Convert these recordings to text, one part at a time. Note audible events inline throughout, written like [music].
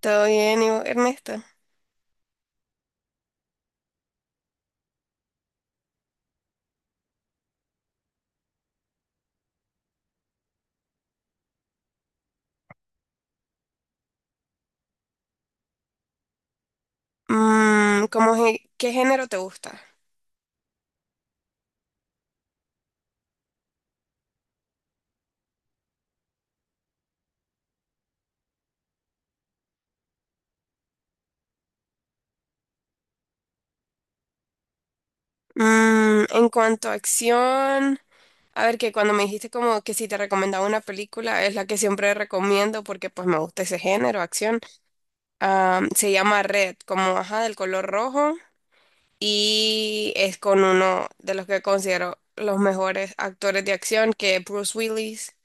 Todo bien, ¿y vos, Ernesto? ¿Cómo qué género te gusta? En cuanto a acción, a ver que cuando me dijiste como que si te recomendaba una película, es la que siempre recomiendo porque pues me gusta ese género, acción. Se llama Red, como ajá, del color rojo, y es con uno de los que considero los mejores actores de acción, que es Bruce Willis.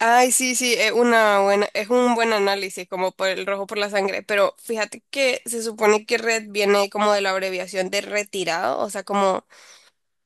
Ay, sí, sí, es un buen análisis, como por el rojo por la sangre, pero fíjate que se supone que Red viene como de la abreviación de retirado, o sea, como...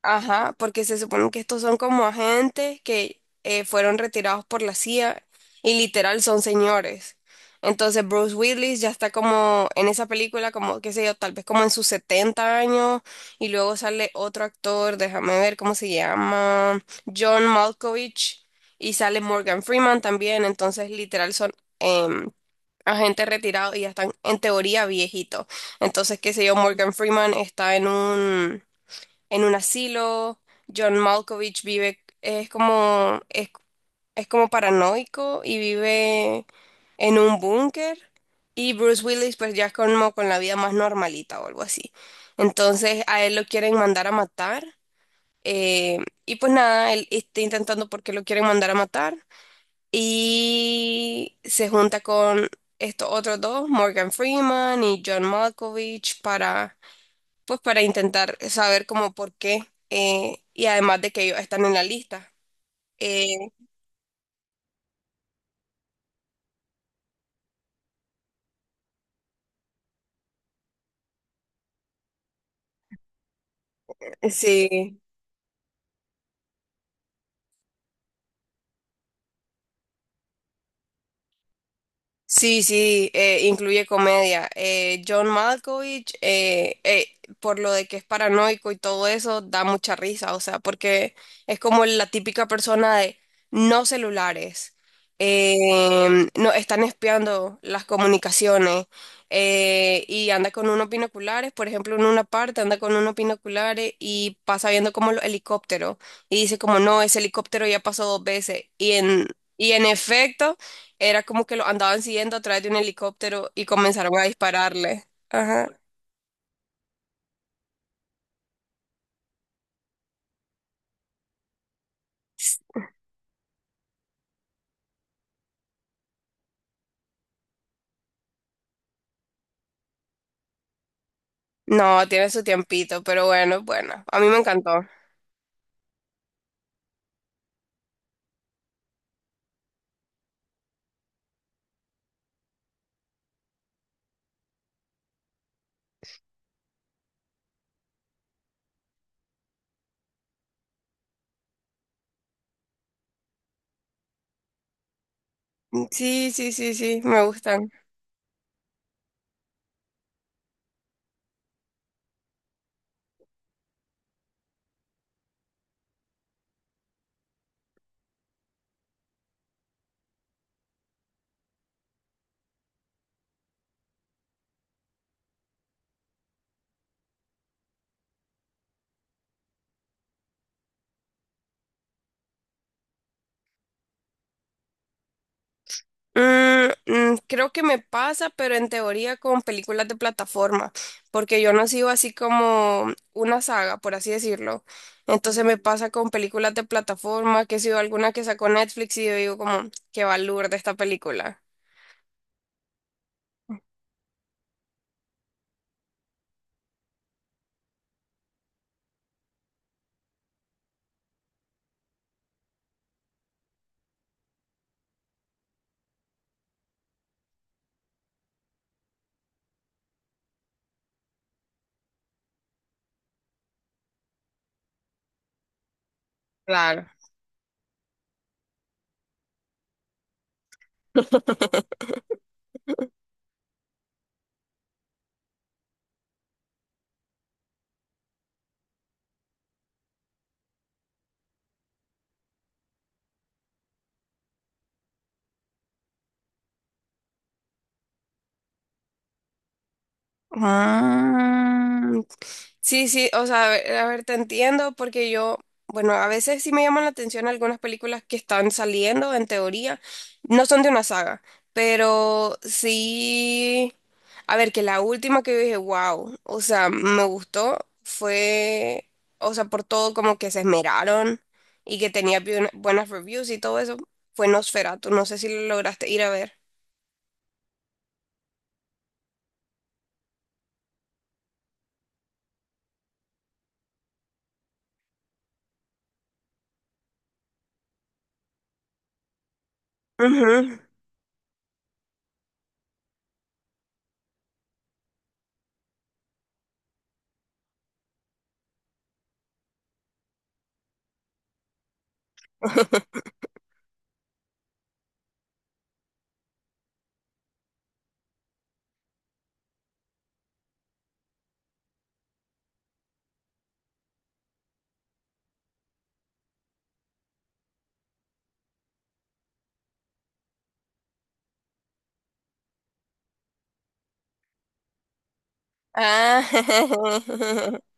Ajá, porque se supone que estos son como agentes que fueron retirados por la CIA, y literal son señores. Entonces Bruce Willis ya está como en esa película, como qué sé yo, tal vez como en sus 70 años, y luego sale otro actor, déjame ver cómo se llama, John Malkovich, y sale Morgan Freeman también, entonces literal son em, agentes retirados y ya están en teoría viejitos. Entonces, qué sé yo, Morgan Freeman está en un asilo. John Malkovich vive, es como paranoico y vive en un búnker. Y Bruce Willis, pues ya es como con la vida más normalita o algo así. Entonces a él lo quieren mandar a matar. eh, y pues nada, él está intentando porque lo quieren mandar a matar. Y se junta con estos otros dos, Morgan Freeman y John Malkovich, para pues para intentar saber como por qué, y además de que ellos están en la lista. Eh, sí, sí, sí, incluye comedia. John Malkovich, por lo de que es paranoico y todo eso, da mucha risa, o sea, porque es como la típica persona de no celulares, no están espiando las comunicaciones, y anda con unos binoculares. Por ejemplo, en una parte anda con unos binoculares y pasa viendo como los helicópteros, y dice como, no, ese helicóptero ya pasó dos veces, y en efecto... Era como que lo andaban siguiendo a través de un helicóptero y comenzaron a dispararle. Ajá. No, tiene su tiempito, pero bueno, bueno. A mí me encantó. Mm, sí, sí, sí, sí, me gustan. Creo que me pasa, pero en teoría con películas de plataforma, porque yo no sigo así como una saga, por así decirlo. Entonces me pasa con películas de plataforma, que sigo alguna que sacó Netflix y yo digo como, qué valor de esta película. Claro. Ah, sí, sí, o sea, a ver, te entiendo porque yo, bueno, a veces sí me llaman la atención algunas películas que están saliendo, en teoría, no son de una saga, pero sí, a ver, que la última que yo dije, wow, o sea, me gustó, fue, o sea, por todo como que se esmeraron y que tenía buenas reviews y todo eso, fue Nosferatu, no sé si lo lograste ir a ver. Ujú. [laughs] Ah, [laughs]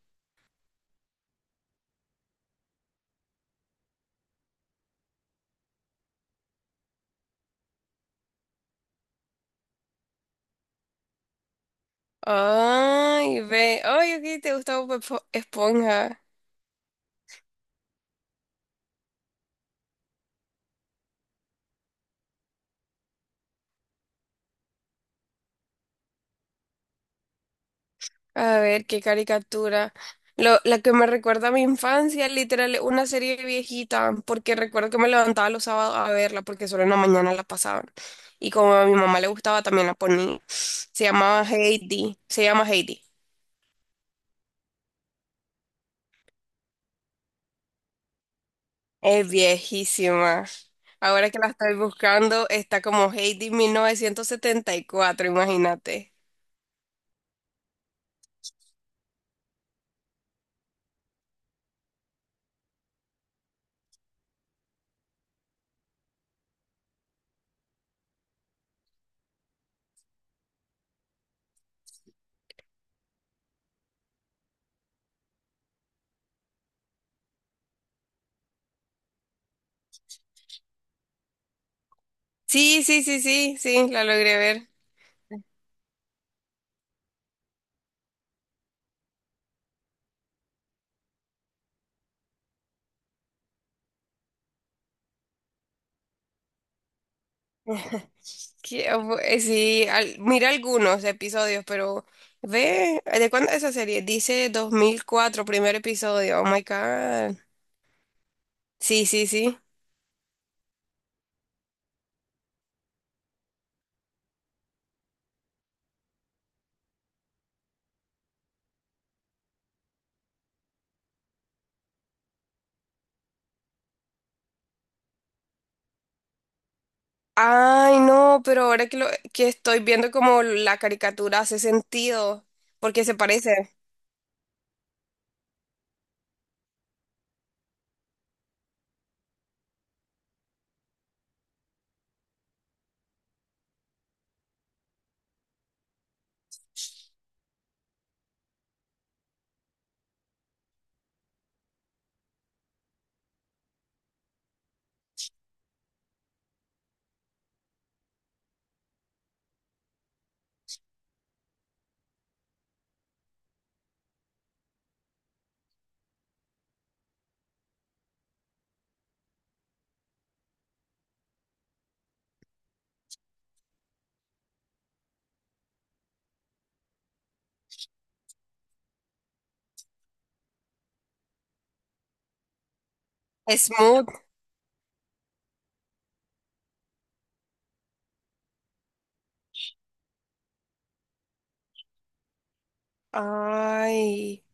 Ay, ve. Ay, ok, te gusta Bob Esponja. A ver, qué caricatura. Lo, la que me recuerda a mi infancia, literal, es una serie viejita, porque recuerdo que me levantaba los sábados a verla, porque solo en la mañana la pasaban. Y como a mi mamá le gustaba, también la ponía. Se llamaba Heidi. Se llama Heidi. Es viejísima. Ahora que la estoy buscando, está como Heidi 1974, imagínate. Sí, sí, sí, sí, sí, la logré ver. Que, sí, mira algunos episodios, pero ve, ¿de cuándo es esa serie? Dice 2004 primer episodio. Oh my God. Sí, sí, sí. Ay, no, pero ahora que, lo, que estoy viendo como la caricatura hace sentido, porque se parece. Smooth. Ay,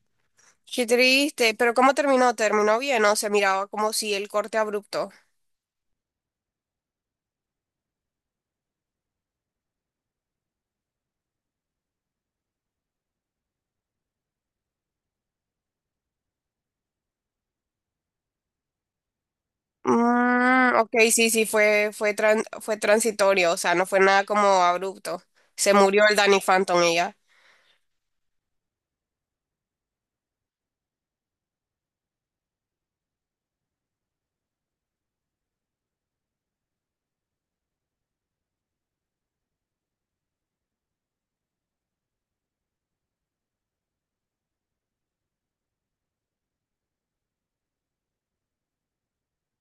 qué triste. Pero ¿cómo terminó? ¿Terminó bien? No, se miraba como si el corte abrupto. Mm, ok, sí, sí, fue transitorio, o sea, no fue nada como abrupto. Se murió el Danny Phantom y ya.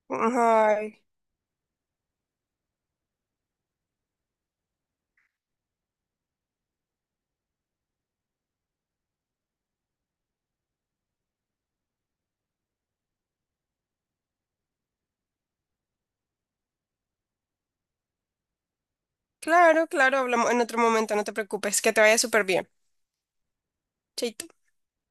Ay, claro, claro, hablamos en otro momento, no te preocupes, que te vaya súper bien. Chaito.